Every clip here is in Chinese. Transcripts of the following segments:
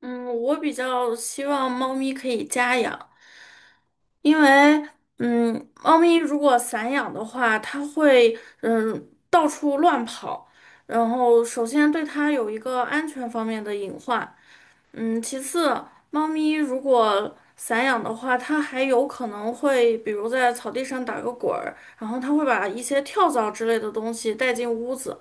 嗯，我比较希望猫咪可以家养，因为猫咪如果散养的话，它会到处乱跑，然后首先对它有一个安全方面的隐患。嗯，其次，猫咪如果散养的话，它还有可能会，比如在草地上打个滚儿，然后它会把一些跳蚤之类的东西带进屋子。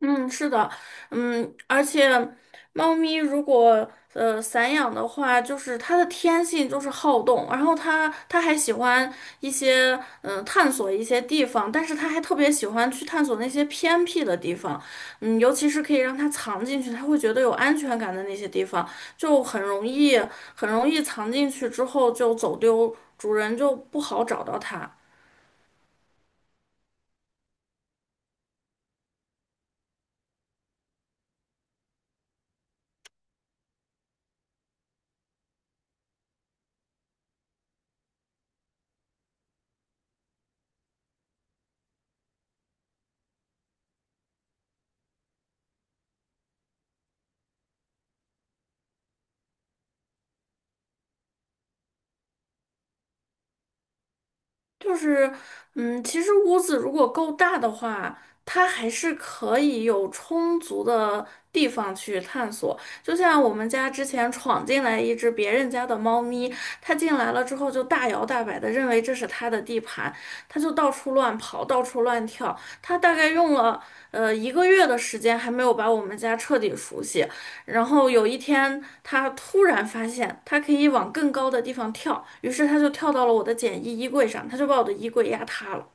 嗯，是的，嗯，而且猫咪如果散养的话，就是它的天性就是好动，然后它还喜欢一些探索一些地方，但是它还特别喜欢去探索那些偏僻的地方，嗯，尤其是可以让它藏进去，它会觉得有安全感的那些地方，就很容易很容易藏进去之后就走丢，主人就不好找到它。就是，嗯，其实屋子如果够大的话，它还是可以有充足的地方去探索。就像我们家之前闯进来一只别人家的猫咪，它进来了之后就大摇大摆的认为这是它的地盘，它就到处乱跑，到处乱跳。它大概用了一个月的时间还没有把我们家彻底熟悉，然后有一天，他突然发现他可以往更高的地方跳，于是他就跳到了我的简易衣柜上，他就把我的衣柜压塌了。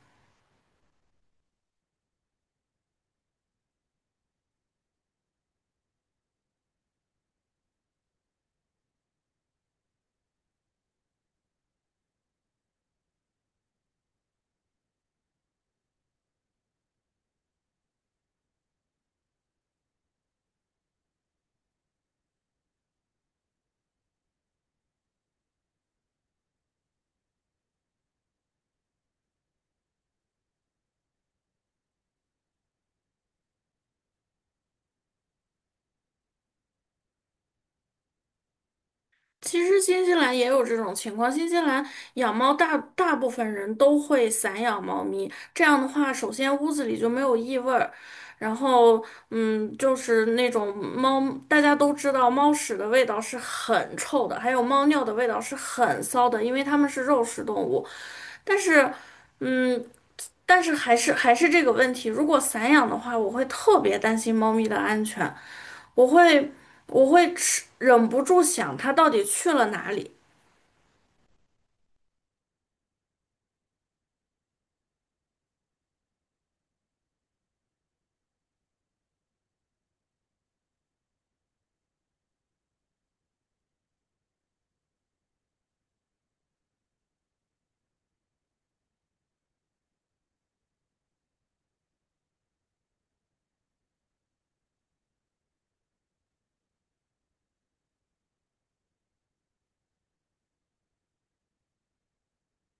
其实新西兰也有这种情况，新西兰养猫大部分人都会散养猫咪，这样的话，首先屋子里就没有异味儿，然后就是那种猫，大家都知道猫屎的味道是很臭的，还有猫尿的味道是很骚的，因为它们是肉食动物，但是。嗯，但是还是这个问题，如果散养的话，我会特别担心猫咪的安全，我会我会吃，忍不住想它到底去了哪里。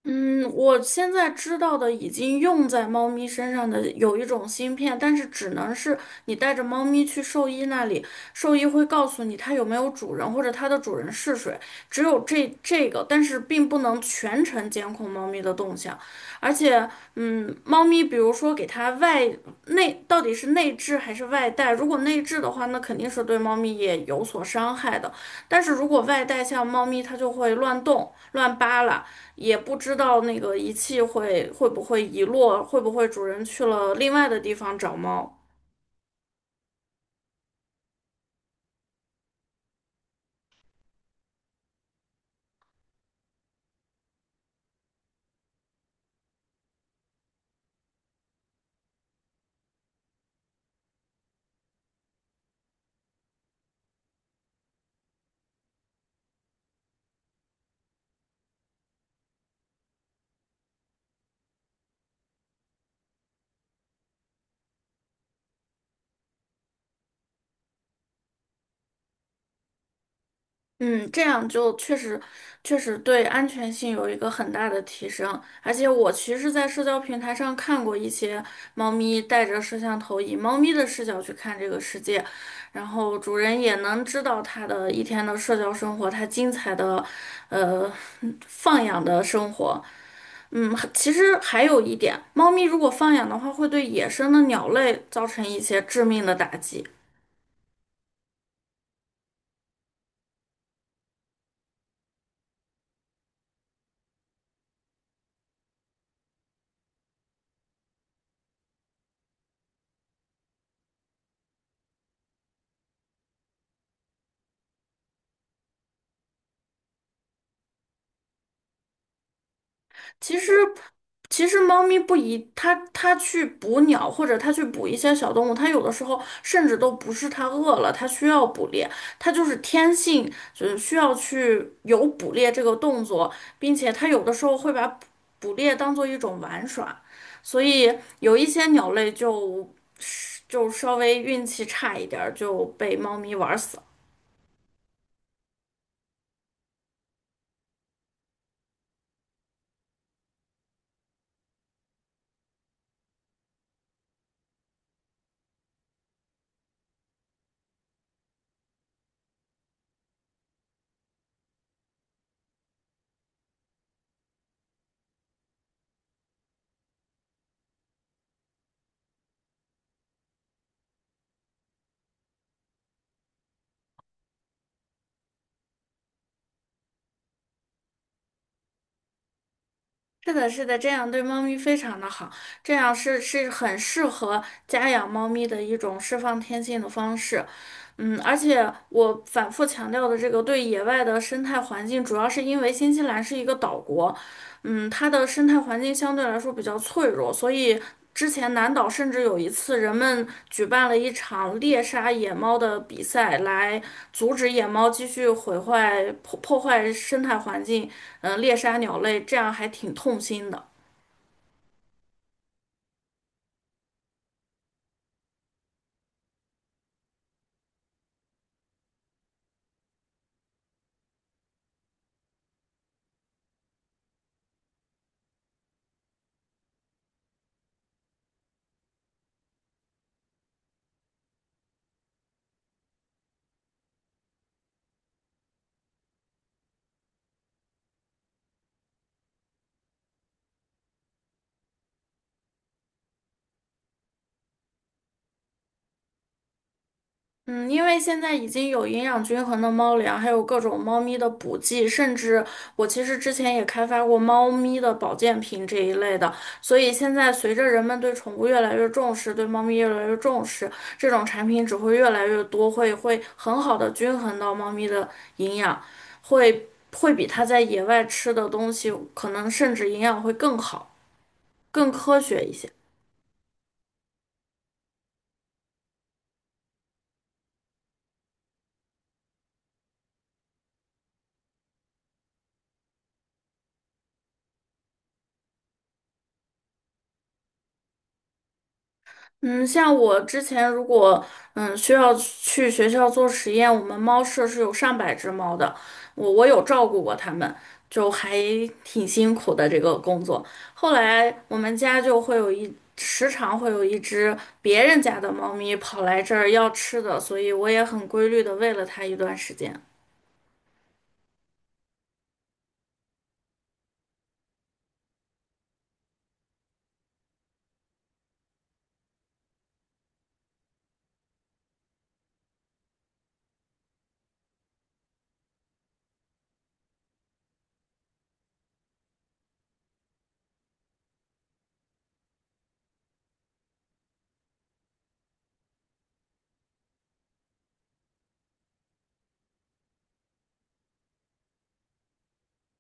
嗯，我现在知道的已经用在猫咪身上的有一种芯片，但是只能是你带着猫咪去兽医那里，兽医会告诉你它有没有主人或者它的主人是谁，只有这个，但是并不能全程监控猫咪的动向。而且，嗯，猫咪比如说给它外内到底是内置还是外带，如果内置的话，那肯定是对猫咪也有所伤害的。但是如果外带，像猫咪它就会乱动、乱扒拉。也不知道那个仪器会不会遗落，会不会主人去了另外的地方找猫。嗯，这样就确实对安全性有一个很大的提升。而且我其实，在社交平台上看过一些猫咪带着摄像头，以猫咪的视角去看这个世界，然后主人也能知道它的一天的社交生活，它精彩的，呃，放养的生活。嗯，其实还有一点，猫咪如果放养的话，会对野生的鸟类造成一些致命的打击。其实，其实猫咪不一，它去捕鸟或者它去捕一些小动物，它有的时候甚至都不是它饿了，它需要捕猎，它就是天性，就是需要去有捕猎这个动作，并且它有的时候会把捕猎当做一种玩耍，所以有一些鸟类就稍微运气差一点儿就被猫咪玩死了。是的，是的，这样对猫咪非常的好，这样是很适合家养猫咪的一种释放天性的方式。嗯，而且我反复强调的这个对野外的生态环境，主要是因为新西兰是一个岛国，嗯，它的生态环境相对来说比较脆弱，所以之前南岛甚至有一次，人们举办了一场猎杀野猫的比赛，来阻止野猫继续毁坏、破坏生态环境，猎杀鸟类，这样还挺痛心的。嗯，因为现在已经有营养均衡的猫粮，还有各种猫咪的补剂，甚至我其实之前也开发过猫咪的保健品这一类的。所以现在随着人们对宠物越来越重视，对猫咪越来越重视，这种产品只会越来越多，会很好的均衡到猫咪的营养，会会比它在野外吃的东西可能甚至营养会更好，更科学一些。嗯，像我之前如果需要去学校做实验，我们猫舍是有上百只猫的，我有照顾过它们，就还挺辛苦的这个工作。后来我们家就会有一时常会有一只别人家的猫咪跑来这儿要吃的，所以我也很规律的喂了它一段时间。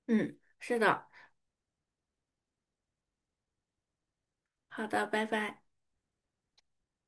嗯，是的，好的，拜拜。